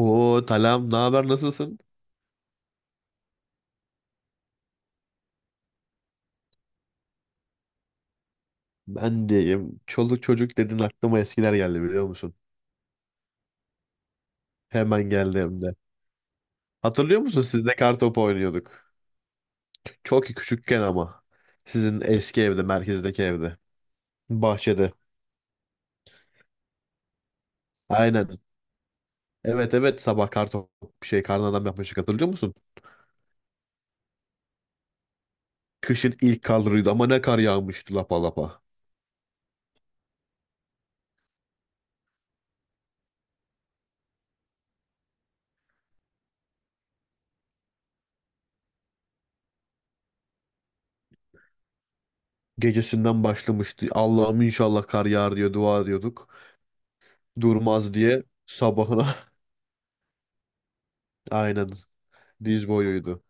Oo Talam ne haber nasılsın? Ben diyeyim. Çoluk çocuk dedin aklıma eskiler geldi biliyor musun? Hemen geldi hem de. Hatırlıyor musun siz de kartopu oynuyorduk. Çok küçükken ama. Sizin eski evde, merkezdeki evde. Bahçede. Aynen. Evet evet sabah kartop şey karnadan yapmıştık hatırlıyor musun? Kışın ilk karlarıydı ama ne kar yağmıştı lapa lapa. Gecesinden başlamıştı. Allah'ım inşallah kar yağar diye dua ediyorduk. Durmaz diye sabahına. Aynen, diz boyuydu.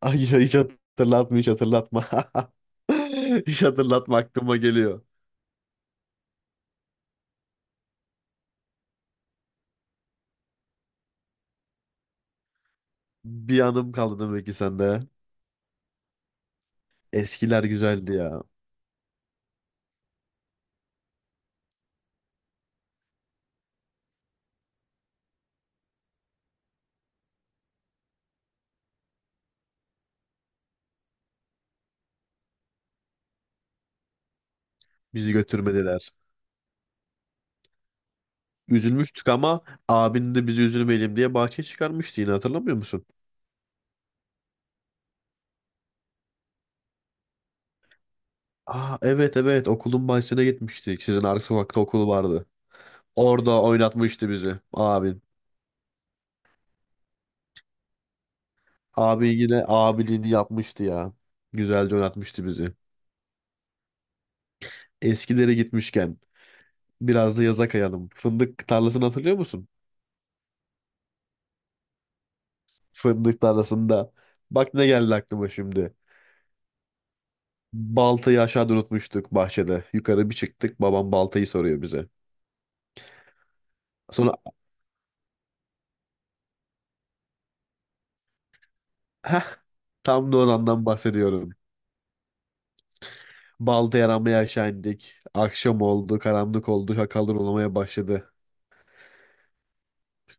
Ay, hiç hatırlatma, hiç hatırlatma. Hiç hatırlatma, aklıma geliyor. Bir anım kaldı demek ki sende. Eskiler güzeldi ya. Bizi götürmediler. Üzülmüştük ama abin de bizi üzülmeyelim diye bahçeye çıkarmıştı yine, hatırlamıyor musun? Aa, evet evet, okulun bahçesine gitmiştik. Sizin arka sokakta okul vardı. Orada oynatmıştı bizi abin. Abin yine abiliğini yapmıştı ya. Güzelce oynatmıştı bizi. Eskilere gitmişken biraz da yaza kayalım. Fındık tarlasını hatırlıyor musun? Fındık tarlasında. Bak ne geldi aklıma şimdi. Baltayı aşağıda unutmuştuk bahçede. Yukarı bir çıktık, babam baltayı soruyor bize. Sonra heh, tam da o andan bahsediyorum. Baltayı aramaya aşağı indik. Akşam oldu, karanlık oldu, şakalar oynamaya başladı.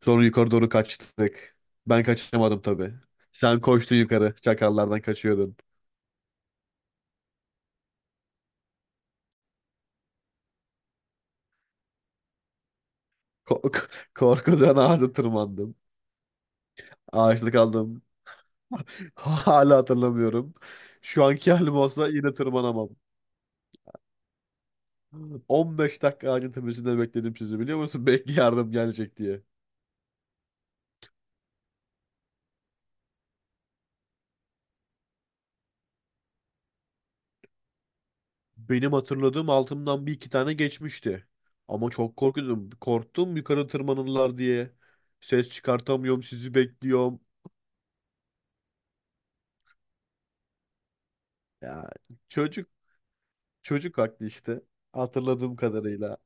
Sonra yukarı doğru kaçtık. Ben kaçamadım tabii. Sen koştun yukarı, şakallardan kaçıyordun. Ko- k- korkudan ağaca tırmandım. Ağaçlık aldım. Hala hatırlamıyorum. Şu anki halim olsa yine tırmanamam. 15 dakika ağacın tepesinde bekledim sizi, biliyor musun? Belki yardım gelecek diye. Benim hatırladığım, altımdan bir iki tane geçmişti. Ama çok korkuyordum. Korktum yukarı tırmanırlar diye. Ses çıkartamıyorum, sizi bekliyorum. Ya, çocuk çocuk haklı işte. Hatırladığım kadarıyla.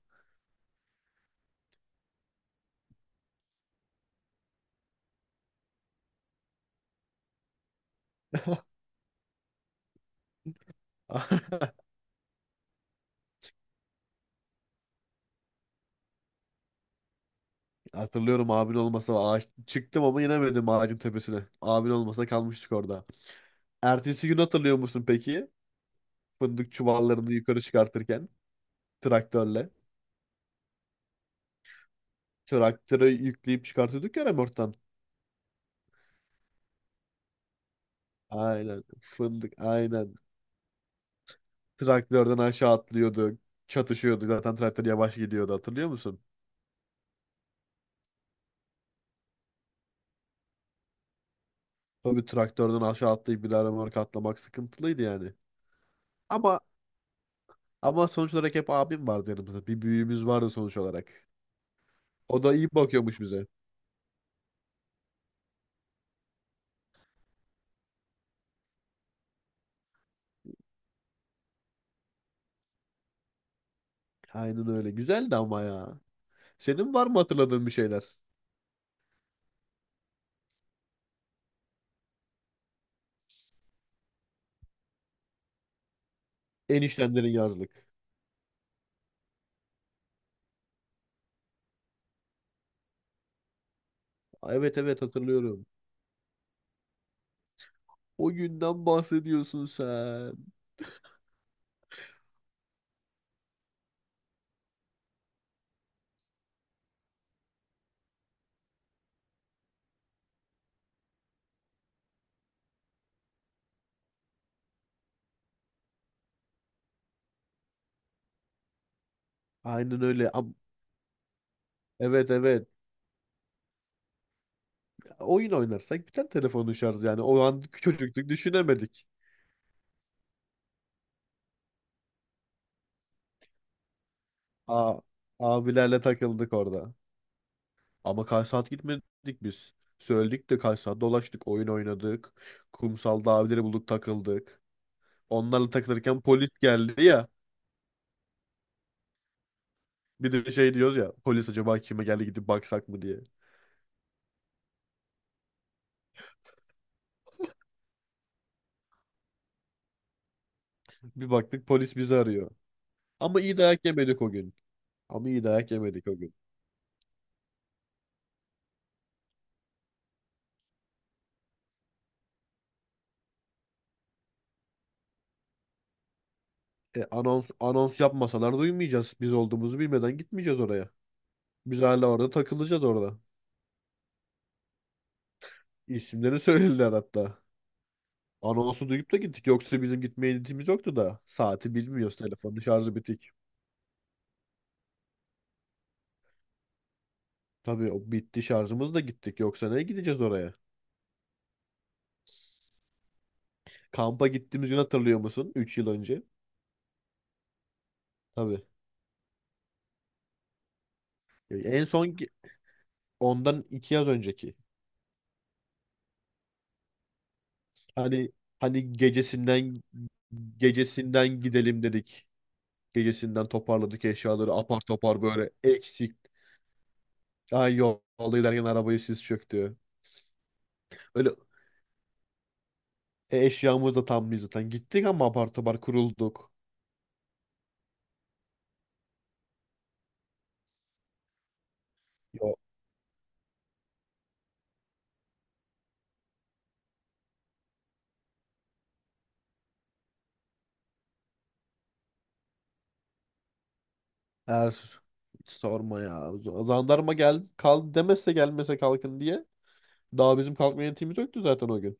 Hatırlıyorum, abin olmasa ağaç çıktım ama inemedim ağacın tepesine. Abin olmasa kalmıştık orada. Ertesi gün hatırlıyor musun peki? Fındık çuvallarını yukarı çıkartırken traktörle. Traktöre yükleyip çıkartıyorduk ya remorttan. Aynen. Fındık aynen. Traktörden aşağı atlıyordu. Çatışıyordu. Zaten traktör yavaş gidiyordu, hatırlıyor musun? Tabii, traktörden aşağı atlayıp bir daha remork atlamak sıkıntılıydı yani. Ama ama sonuç olarak hep abim vardı yanımızda. Bir büyüğümüz vardı sonuç olarak. O da iyi bakıyormuş bize. Aynen öyle. Güzeldi ama ya. Senin var mı hatırladığın bir şeyler? Eniştenlerin yazlık. Evet evet hatırlıyorum. O günden bahsediyorsun sen. Aynen öyle. Evet evet. Oyun oynarsak biter telefonun şarjı yani. O an çocuktuk, düşünemedik. Aa, abilerle takıldık orada. Ama kaç saat gitmedik biz. Söyledik de kaç saat dolaştık. Oyun oynadık. Kumsalda abileri bulduk, takıldık. Onlarla takılırken polis geldi ya. Bir de şey diyoruz ya. Polis acaba kime geldi, gidip baksak mı diye. Bir baktık polis bizi arıyor. Ama iyi dayak yemedik o gün. Ama iyi dayak yemedik o gün. E, anons, anons yapmasalar duymayacağız. Biz olduğumuzu bilmeden gitmeyeceğiz oraya. Biz hala orada takılacağız orada. İsimleri söylediler hatta. Anonsu duyup da gittik. Yoksa bizim gitmeye niyetimiz yoktu da. Saati bilmiyoruz. Telefonun şarjı bitik. Tabii, o bitti, şarjımız da gittik. Yoksa ne gideceğiz oraya? Kampa gittiğimiz gün hatırlıyor musun? 3 yıl önce. Tabii. Ya, ondan 2 yaz önceki. Hani hani gecesinden gidelim dedik. Gecesinden toparladık eşyaları apar topar, böyle eksik. Ay, yolda giderken arabayı sis çöktü. Öyle. E, eşyamız da tam değil zaten. Gittik ama apar topar kurulduk. Yok. Her Hiç sorma ya. Zandarma gel kal demezse, gelmese kalkın diye. Daha bizim kalkma yönetimimiz yoktu zaten o gün.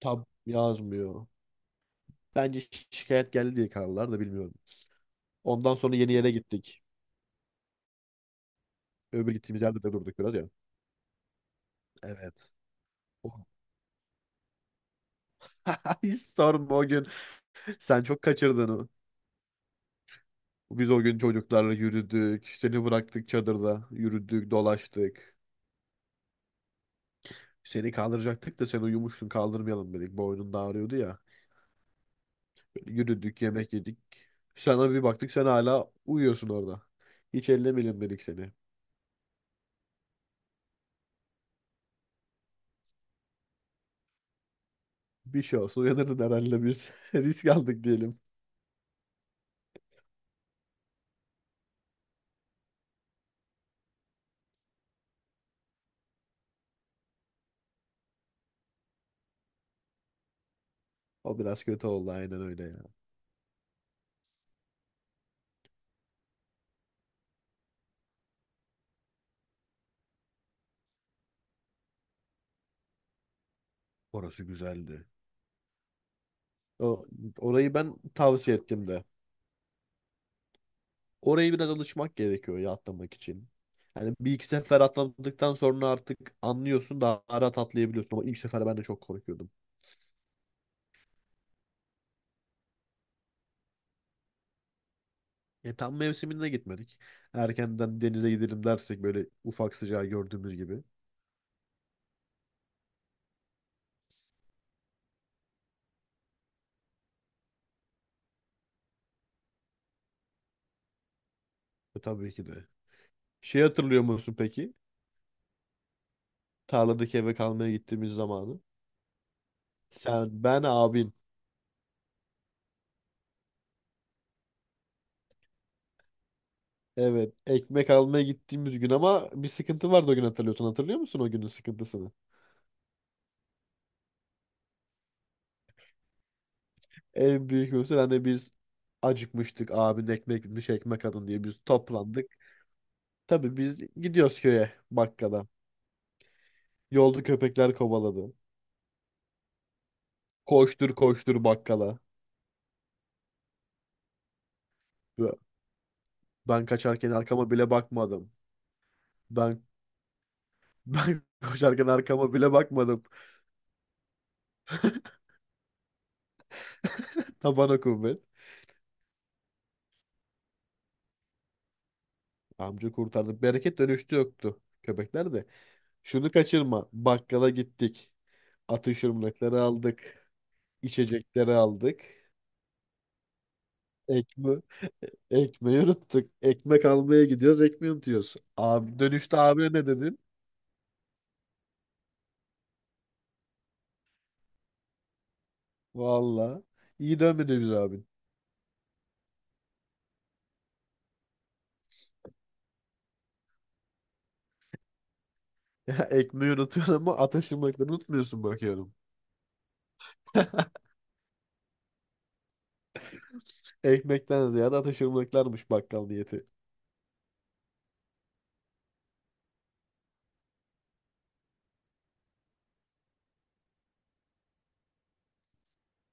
Tab yazmıyor. Bence şikayet geldi diye, kararlar da bilmiyorum. Ondan sonra yeni yere gittik. Öbür gittiğimiz yerde de durduk biraz ya. Evet. O- Hiç sorma o gün. Sen çok kaçırdın o. Biz o gün çocuklarla yürüdük. Seni bıraktık çadırda. Yürüdük, dolaştık. Seni kaldıracaktık da sen uyumuştun, kaldırmayalım dedik. Boynun da ağrıyordu ya. Böyle yürüdük, yemek yedik. Sana bir baktık sen hala uyuyorsun orada. Hiç ellemeyelim dedik seni. Bir şey olsa uyanırdın herhalde biz. Risk aldık diyelim. O biraz kötü oldu, aynen öyle ya. Orası güzeldi. O, orayı ben tavsiye ettim de. Orayı biraz alışmak gerekiyor ya atlamak için. Yani bir iki sefer atladıktan sonra artık anlıyorsun, daha rahat atlayabiliyorsun. Ama ilk sefer ben de çok korkuyordum. E, tam mevsiminde gitmedik. Erkenden denize gidelim dersek böyle, ufak sıcağı gördüğümüz gibi. E, tabii ki de. Hatırlıyor musun peki? Tarladaki eve kalmaya gittiğimiz zamanı. Sen, ben, abin. Evet, ekmek almaya gittiğimiz gün, ama bir sıkıntı vardı o gün hatırlıyorsun. Hatırlıyor musun o günün sıkıntısını? En büyük mesela, hani biz acıkmıştık. Abin ekmek bitmiş, ekmek alın diye biz toplandık. Tabii biz gidiyoruz köye, bakkala. Yolda köpekler kovaladı. Koştur koştur bakkala. Ben kaçarken arkama bile bakmadım. Ben ben koşarken arkama bile bakmadım. Tabana kuvvet. Amca kurtardı. Bereket dönüştü yoktu. Köpekler de. Şunu kaçırma. Bakkala gittik. Atıştırmalıkları aldık. İçecekleri aldık. Ekme ekmeği unuttuk. Ekmek almaya gidiyoruz. Ekmeği unutuyoruz. Abi, dönüşte abine ne dedin? Valla. İyi dönmedi biz abin. Ya, ekmeği unutuyorsun ama atıştırmalıkları unutmuyorsun bakıyorum. Ekmekten ziyade atıştırmalıklarmış bakkal niyeti.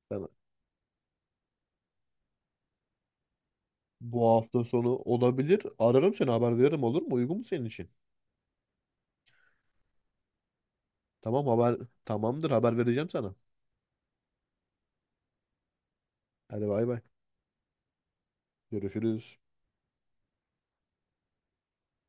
Sana. Bu hafta sonu olabilir. Ararım seni, haber veririm, olur mu? Uygun mu senin için? Tamam haber Tamamdır, haber vereceğim sana. Hadi bay bay. Görüşürüz.